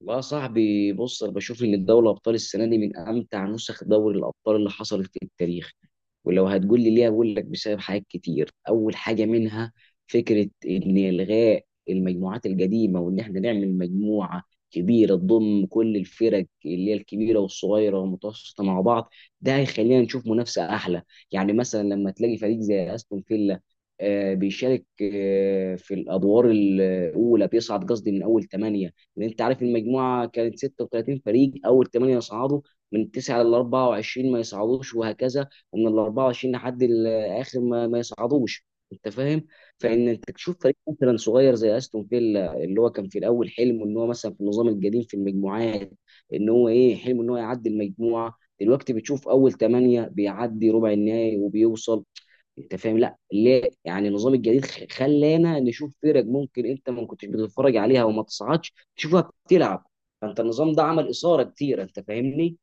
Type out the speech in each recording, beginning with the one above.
والله يا صاحبي، بص انا بشوف ان الدوري الابطال السنه دي من امتع نسخ دوري الابطال اللي حصلت في التاريخ. ولو هتقول لي ليه اقول لك بسبب حاجات كتير. اول حاجه منها فكره ان الغاء المجموعات القديمه وان احنا نعمل مجموعه كبيره تضم كل الفرق اللي هي الكبيره والصغيره والمتوسطه مع بعض. ده هيخلينا نشوف منافسه احلى. يعني مثلا لما تلاقي فريق زي استون فيلا بيشارك في الادوار الاولى بيصعد، قصدي من اول ثمانيه. ان انت عارف المجموعه كانت 36 فريق، اول 8 يصعدوا، من 9 ل 24 ما يصعدوش، وهكذا ومن ال 24 لحد ال اخر ما يصعدوش. انت فاهم؟ فان انت تشوف فريق مثلا صغير زي استون فيلا، اللي هو كان في الاول حلم ان هو مثلا في النظام القديم في المجموعات ان هو ايه، حلم ان هو يعدي المجموعه. دلوقتي بتشوف اول 8 بيعدي ربع النهائي وبيوصل. انت فاهم؟ لا ليه، يعني النظام الجديد خلانا نشوف فرق ممكن انت ما كنتش بتتفرج عليها وما تصعدش، تشوفها بتلعب. فانت النظام ده عمل اثاره كتير، انت فاهمني.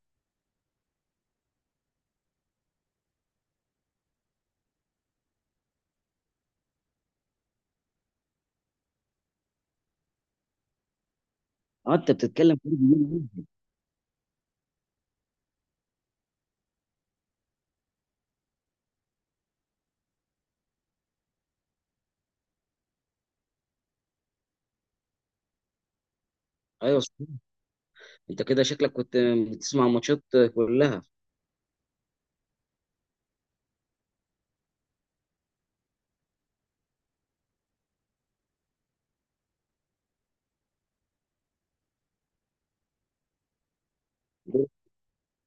اه انت بتتكلم في فرق كبير جدا. ايوه صحيح. انت كده شكلك كنت بتسمع ماتشات كلها.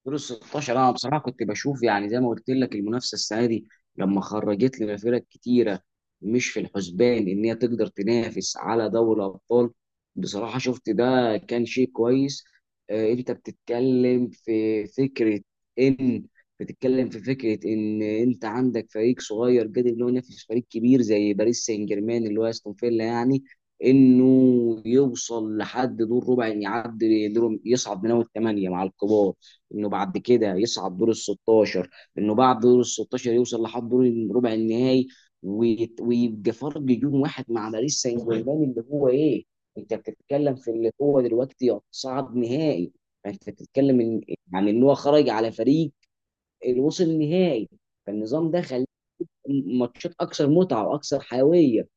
دور ال 16 انا بصراحه كنت بشوف يعني زي ما قلت لك المنافسه السنه دي، لما خرجت لنا فرق كتيره مش في الحسبان ان هي تقدر تنافس على دوري الابطال، بصراحه شفت ده كان شيء كويس. انت بتتكلم في فكره ان انت عندك فريق صغير قادر ان هو ينافس فريق كبير زي باريس سان جيرمان، اللي هو استون فيلا يعني، انه يوصل لحد دور ربع، يعني يعدي دور، يصعد من اول ثمانيه مع الكبار، انه بعد كده يصعد دور ال 16، انه بعد دور ال 16 يوصل لحد دور الربع النهائي، ويبقى فرق جون واحد مع باريس سان جيرمان اللي هو ايه؟ انت بتتكلم في اللي هو دلوقتي صعد نهائي. فانت بتتكلم ان، يعني ان هو خرج على فريق اللي وصل نهائي. فالنظام ده خلى ماتشات اكثر متعه واكثر حيويه.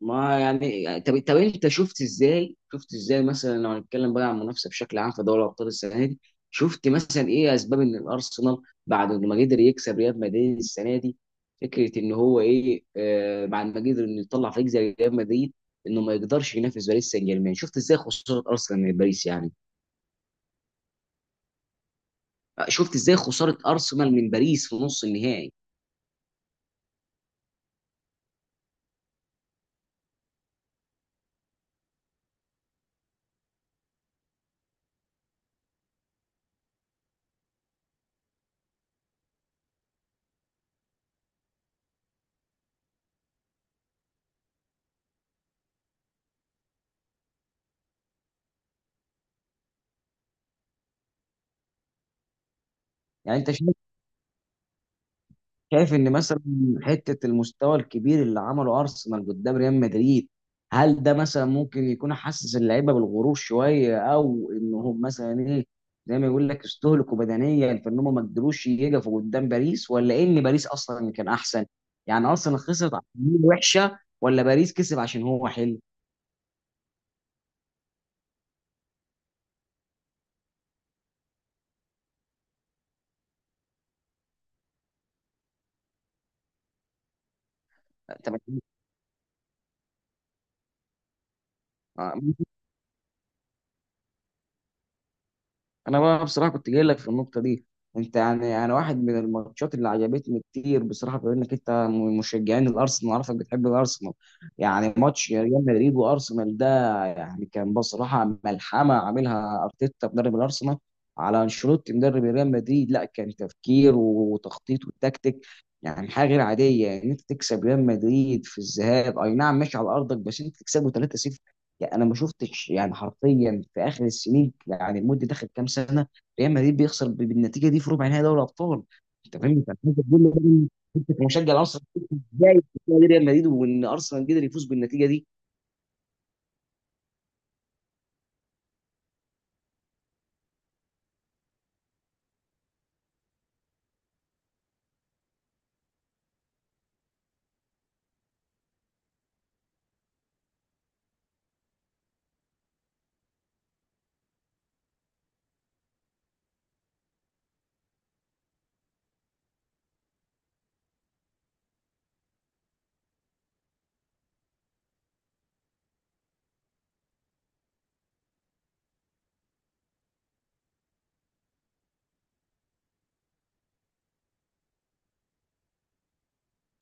ما يعني طب انت شفت ازاي، شفت ازاي مثلا لو هنتكلم بقى عن المنافسه بشكل عام في دوري ابطال السنه دي؟ شفت مثلا ايه اسباب ان الارسنال بعد ما قدر يكسب ريال مدريد السنه دي، فكره ان هو ايه، آه بعد ما قدر انه يطلع فريق زي ريال مدريد، انه ما يقدرش ينافس باريس سان جيرمان؟ شفت ازاي خساره ارسنال من باريس يعني؟ شفت ازاي خساره ارسنال من باريس في نص النهائي؟ يعني انت شايف ان مثلا حته المستوى الكبير اللي عمله ارسنال قدام ريال مدريد، هل ده مثلا ممكن يكون حسس اللعيبه بالغرور شويه، او انهم مثلا ايه، زي ما يقول لك استهلكوا بدنيا، فان هم ما قدروش يقفوا قدام باريس، ولا ان باريس اصلا اللي كان احسن؟ يعني ارسنال خسرت عشان هي وحشه، ولا باريس كسب عشان هو حلو؟ انت بتقول- آه، انا بقى بصراحه كنت جاي لك في النقطه دي. انت يعني، انا واحد من الماتشات اللي عجبتني كتير بصراحه، بما انك انت من مشجعين الارسنال عارفك بتحب الارسنال، يعني ماتش ريال مدريد وارسنال ده يعني كان بصراحه ملحمه عاملها ارتيتا مدرب الارسنال على انشيلوتي مدرب ريال مدريد. لا، كان تفكير وتخطيط وتكتيك، يعني حاجه غير عاديه. ان يعني انت تكسب ريال مدريد في الذهاب، اي نعم ماشي على ارضك، بس انت تكسبه 3-0، يعني انا ما شفتش يعني حرفيا في اخر السنين، يعني المده داخل كام سنه ريال مدريد بيخسر بالنتيجه دي في ربع نهائي دوري ابطال. انت فاهمني؟ فانت بتقول لي بقى، انت كمشجع ارسنال، ازاي بتقول ريال مدريد وان ارسنال قدر يفوز بالنتيجه دي؟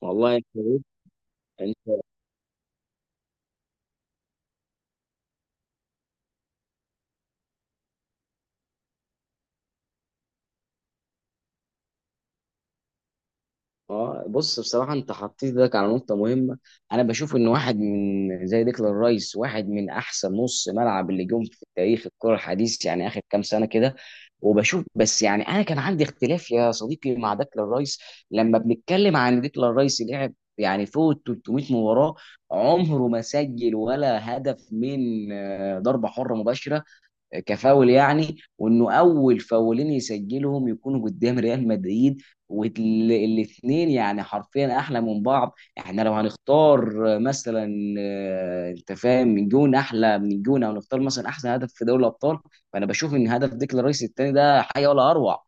والله انت اه بص، بصراحه انت حطيت ايدك على نقطه مهمه. انا بشوف ان واحد من زي ديكلان رايس واحد من احسن نص ملعب اللي جم في تاريخ الكره الحديث، يعني اخر كام سنه كده. وبشوف بس يعني، انا كان عندي اختلاف يا صديقي مع ديكلان رايس. لما بنتكلم عن ديكلان رايس لعب يعني فوق ال 300 مباراه، عمره ما سجل ولا هدف من ضربه حره مباشره كفاول يعني. وانه اول فاولين يسجلهم يكونوا قدام ريال مدريد، والاثنين يعني حرفيا احلى من بعض. احنا لو هنختار مثلا، انت فاهم، من جون احلى من جون، او نختار مثلا احسن هدف في دوري الابطال، فانا بشوف ان هدف ديكلان رايس الثاني ده حاجه ولا اروع.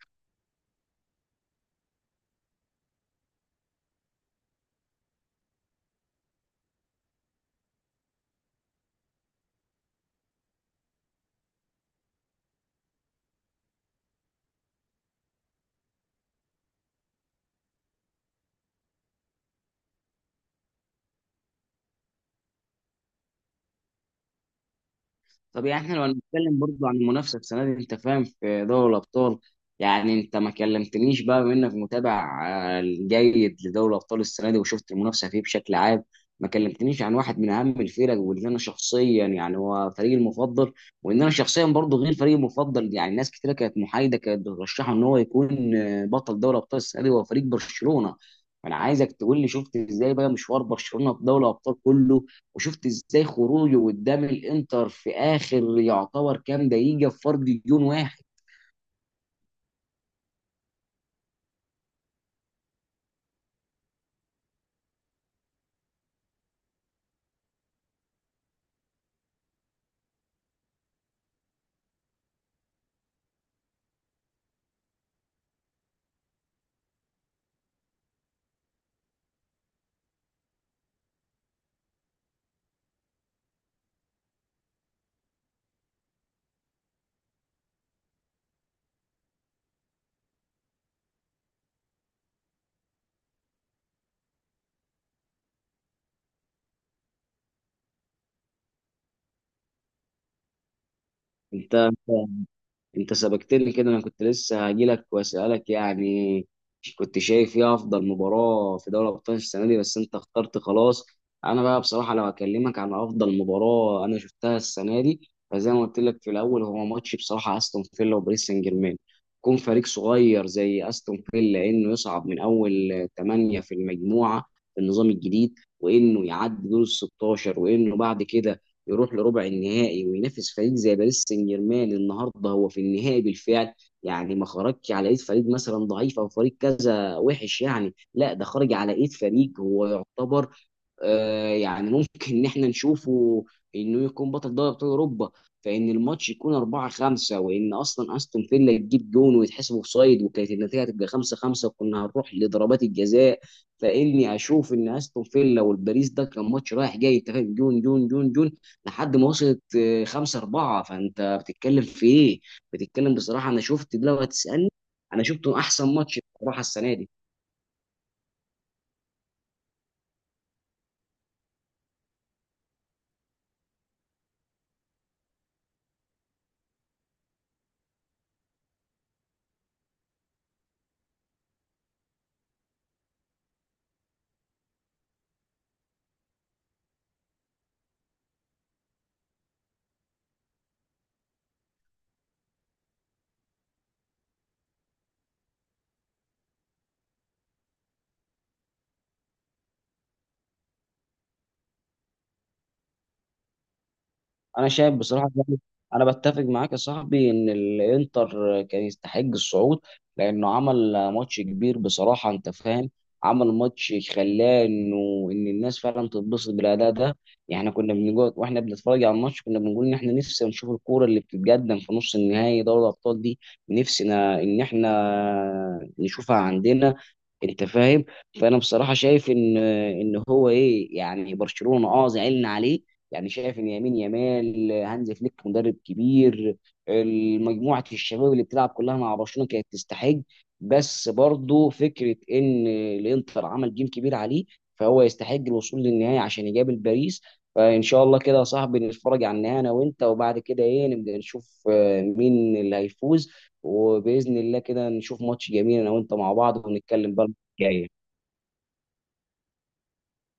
طب يعني احنا لو هنتكلم برضو عن المنافسه السنه دي، انت فاهم، في دوري الابطال، يعني انت ما كلمتنيش بقى بما انك متابع جيد لدوري الابطال السنه دي وشفت المنافسه فيه بشكل عام، ما كلمتنيش عن واحد من اهم الفرق، واللي انا شخصيا يعني هو فريقي المفضل. وان انا شخصيا برضو، غير فريقي المفضل، يعني ناس كتيره كانت محايده كانت بترشحه ان هو يكون بطل دوري الابطال السنه دي، هو فريق برشلونه. انا عايزك تقول لي شفت ازاي بقى مشوار برشلونه في دوري الابطال كله، وشفت ازاي خروجه قدام الانتر في اخر يعتبر كام دقيقه في فرق جون واحد. انت انت سبقتني كده، انا كنت لسه هجيلك واسالك يعني كنت شايف ايه افضل مباراه في دوري ابطال السنه دي، بس انت اخترت خلاص. انا بقى بصراحه لو هكلمك عن افضل مباراه انا شفتها السنه دي، فزي ما قلت لك في الاول هو ماتش بصراحه استون فيلا وباريس سان جيرمان. كون فريق صغير زي استون فيلا انه يصعد من اول ثمانيه في المجموعه في النظام الجديد، وانه يعدي دور ال 16، وانه بعد كده يروح لربع النهائي وينافس فريق زي باريس سان جيرمان النهارده هو في النهائي بالفعل. يعني ما خرجش على ايد فريق مثلا ضعيف او فريق كذا وحش يعني، لا ده خرج على ايد فريق هو يعتبر يعني ممكن ان احنا نشوفه انه يكون بطل دوري ابطال اوروبا. فان الماتش يكون 4-5، وان اصلا استون فيلا تجيب جون ويتحسب اوفسايد وكانت النتيجه هتبقى 5-5 وكنا هنروح لضربات الجزاء. فاني اشوف ان استون فيلا والباريس ده كان ماتش رايح جاي، انت فاهم، جون جون جون جون لحد ما وصلت 5-4. فانت بتتكلم في ايه؟ بتتكلم بصراحه، انا شفت لو هتسالني، انا شفته احسن ماتش بصراحه السنه دي. انا شايف بصراحه يعني، انا بتفق معاك يا صاحبي ان الانتر كان يستحق الصعود، لانه عمل ماتش كبير بصراحه، انت فاهم، عمل ماتش خلاه انه ان الناس فعلا تتبسط بالاداء ده. يعني كنا بنقعد واحنا بنتفرج على الماتش كنا بنقول ان احنا نفسنا نشوف الكوره اللي بتتقدم في نص النهائي دوري الابطال دي، نفسنا ان احنا نشوفها عندنا، انت فاهم. فانا بصراحه شايف ان، ان هو ايه، يعني برشلونه اه زعلنا عليه، يعني شايف ان يمين يمال هانز فليك مدرب كبير، مجموعه الشباب اللي بتلعب كلها مع برشلونه كانت تستحق. بس برضه فكره ان الانتر عمل جيم كبير عليه، فهو يستحق الوصول للنهائي عشان يقابل باريس. فان شاء الله كده يا صاحبي نتفرج على النهائي انا وانت، وبعد كده ايه نبدا نشوف مين اللي هيفوز. وباذن الله كده نشوف ماتش جميل انا وانت مع بعض، ونتكلم بقى المرة الجايه.